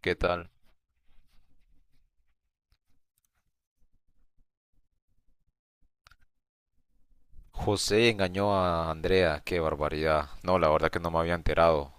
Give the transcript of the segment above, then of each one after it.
¿Qué tal? José engañó a Andrea, qué barbaridad. No, la verdad que no me había enterado.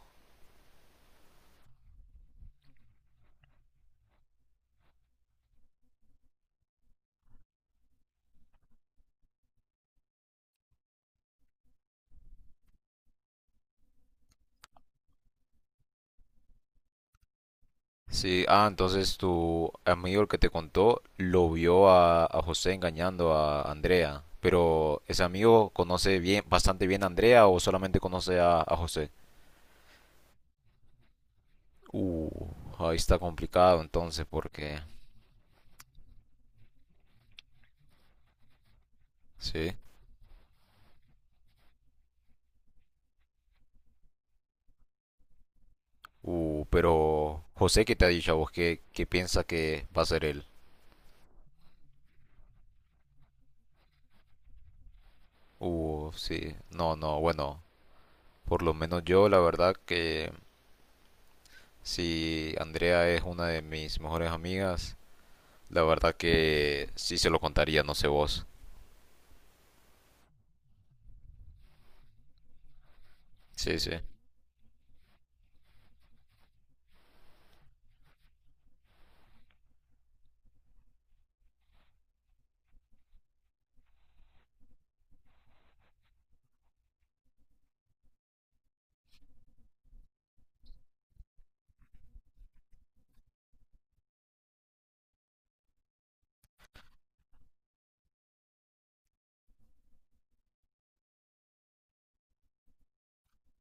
Sí, ah, entonces tu amigo el que te contó lo vio a José engañando a Andrea. Pero ese amigo conoce bien, bastante bien a Andrea o solamente conoce a José. Uh, ahí está complicado entonces porque... Sí. Pero José, ¿qué te ha dicho a vos? ¿Qué piensa que va a ser él? Sí. No, no, bueno. Por lo menos yo, la verdad que si Andrea es una de mis mejores amigas, la verdad que sí se lo contaría, no sé vos. Sí, sí.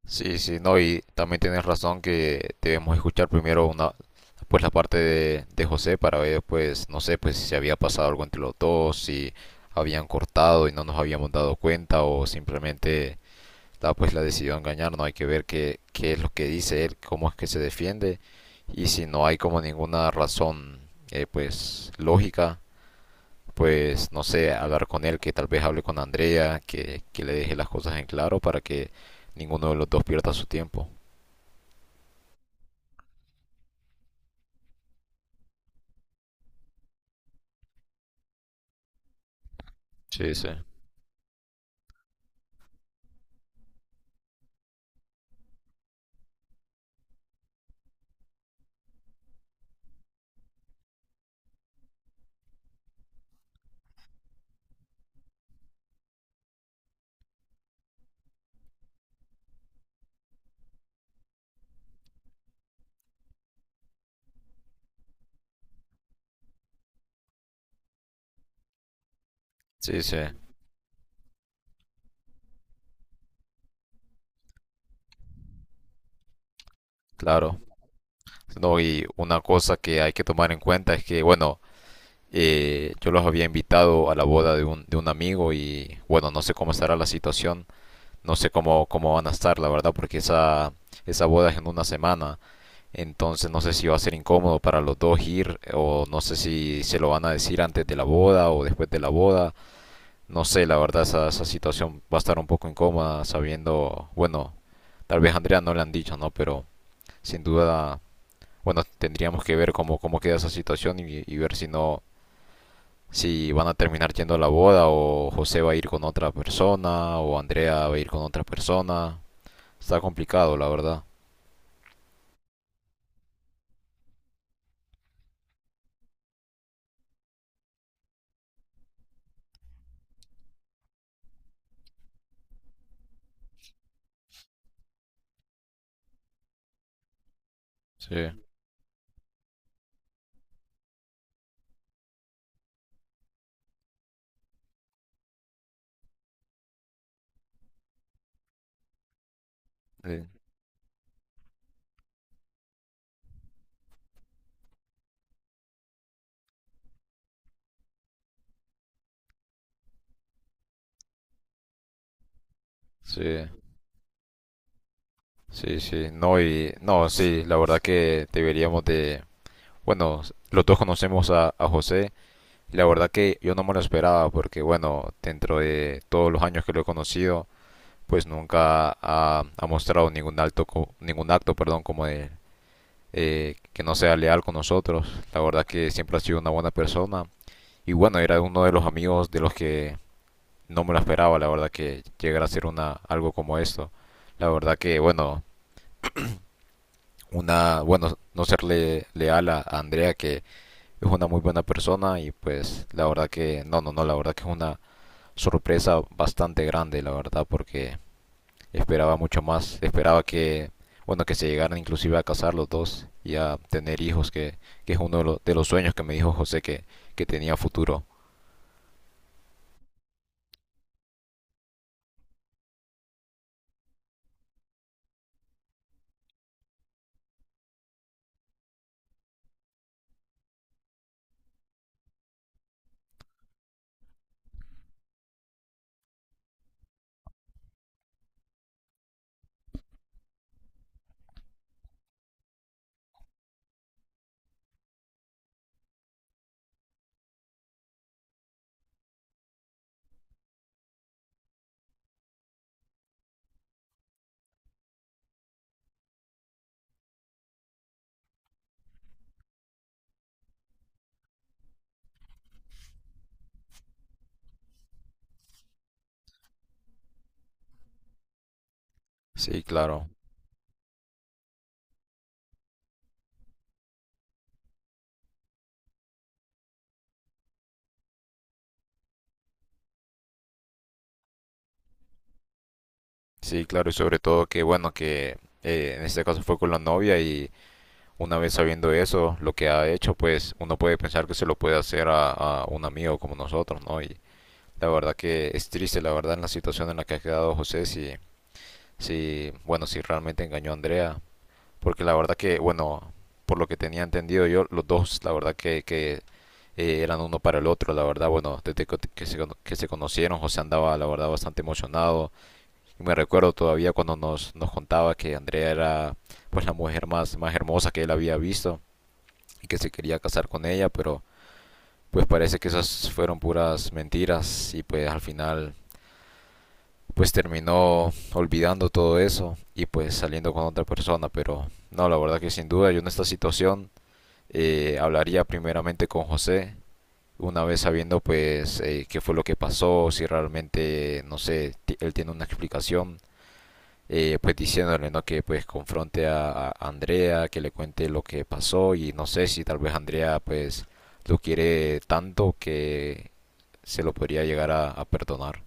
Sí, sí, no, y también tienes razón que debemos escuchar primero una, pues la parte de José para ver, pues, no sé, pues si se había pasado algo entre los dos, si habían cortado y no nos habíamos dado cuenta o simplemente la, pues la decidió engañar, no hay que ver qué es lo que dice él, cómo es que se defiende, y si no hay como ninguna razón pues lógica, pues no sé, hablar con él, que tal vez hable con Andrea, que le deje las cosas en claro para que ninguno de los dos pierda su tiempo. Sí, sí, sí, sí, claro. No, y una cosa que hay que tomar en cuenta es que, bueno, yo los había invitado a la boda de un amigo y, bueno, no sé cómo estará la situación, no sé cómo, cómo van a estar, la verdad, porque esa boda es en una semana, entonces no sé si va a ser incómodo para los dos ir o no sé si se lo van a decir antes de la boda o después de la boda. No sé, la verdad, esa situación va a estar un poco incómoda sabiendo, bueno, tal vez a Andrea no le han dicho, ¿no? Pero sin duda, bueno, tendríamos que ver cómo, cómo queda esa situación y ver si no, si van a terminar yendo a la boda o José va a ir con otra persona o Andrea va a ir con otra persona. Está complicado, la verdad. Sí, sí, sí, sí, sí. No, y, no, sí, la verdad que deberíamos de, bueno, los dos conocemos a José. La verdad que yo no me lo esperaba porque, bueno, dentro de todos los años que lo he conocido, pues nunca ha, ha mostrado ningún alto, ningún acto, perdón, como de que no sea leal con nosotros. La verdad que siempre ha sido una buena persona. Y bueno, era uno de los amigos de los que no me lo esperaba, la verdad que llegara a ser una, algo como esto. La verdad que, bueno, una, bueno, no serle leal a Andrea, que es una muy buena persona y pues la verdad que, no, no, no, la verdad que es una sorpresa bastante grande, la verdad, porque esperaba mucho más. Esperaba que, bueno, que se llegaran inclusive a casar los dos y a tener hijos, que es uno de, de los sueños que me dijo José que tenía futuro. Sí, claro. Sí, claro, y sobre todo que, bueno, que en este caso fue con la novia y una vez sabiendo eso, lo que ha hecho, pues uno puede pensar que se lo puede hacer a un amigo como nosotros, ¿no? Y la verdad que es triste, la verdad, en la situación en la que ha quedado José, sí, si, bueno, si realmente engañó a Andrea, porque la verdad que, bueno, por lo que tenía entendido yo, los dos, la verdad que eran uno para el otro, la verdad, bueno, desde que se, que se conocieron, José andaba, la verdad, bastante emocionado. Y me recuerdo todavía cuando nos, nos contaba que Andrea era, pues, la mujer más, más hermosa que él había visto y que se quería casar con ella, pero pues parece que esas fueron puras mentiras y pues al final pues terminó olvidando todo eso y pues saliendo con otra persona. Pero no, la verdad que sin duda yo en esta situación hablaría primeramente con José, una vez sabiendo pues qué fue lo que pasó, si realmente, no sé, él tiene una explicación, pues diciéndole, ¿no? Que pues confronte a Andrea, que le cuente lo que pasó y no sé si tal vez Andrea pues lo quiere tanto que se lo podría llegar a perdonar.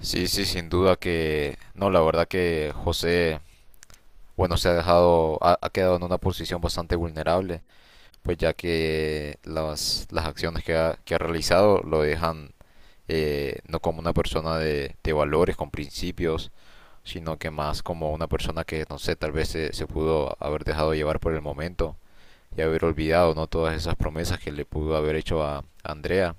Sí, sí, sin duda que no, la verdad que José, bueno, se ha dejado, ha, ha quedado en una posición bastante vulnerable, pues ya que las acciones que ha realizado lo dejan no como una persona de valores, con principios, sino que más como una persona que, no sé, tal vez se, se pudo haber dejado llevar por el momento y haber olvidado, ¿no? Todas esas promesas que le pudo haber hecho a Andrea.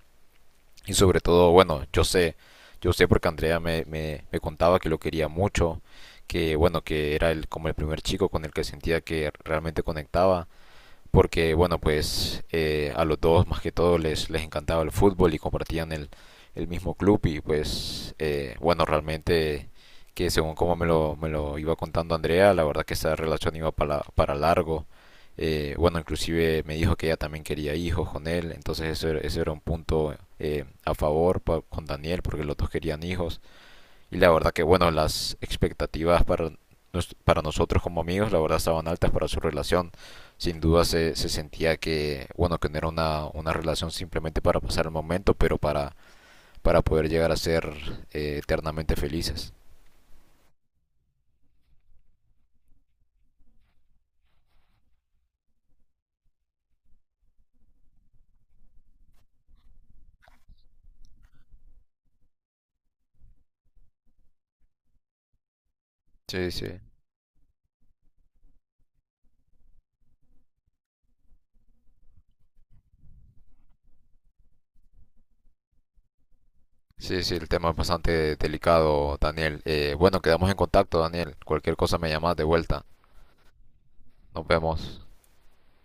Y sobre todo, bueno, yo sé porque Andrea me contaba que lo quería mucho, que bueno, que era el, como el primer chico con el que sentía que realmente conectaba porque bueno, pues a los dos más que todo les, les encantaba el fútbol y compartían el mismo club y pues bueno, realmente que según como me lo iba contando Andrea, la verdad que esa relación iba para largo. Bueno, inclusive me dijo que ella también quería hijos con él, entonces eso era un punto a favor con Daniel porque los dos querían hijos. Y la verdad que, bueno, las expectativas para, para nosotros como amigos, la verdad estaban altas para su relación. Sin duda se, se sentía que, bueno, que no era una relación simplemente para pasar el momento, pero para poder llegar a ser eternamente felices. Sí, sí. Sí, sí, el tema es bastante delicado, Daniel. Bueno, quedamos en contacto, Daniel. Cualquier cosa me llamas de vuelta. Nos vemos.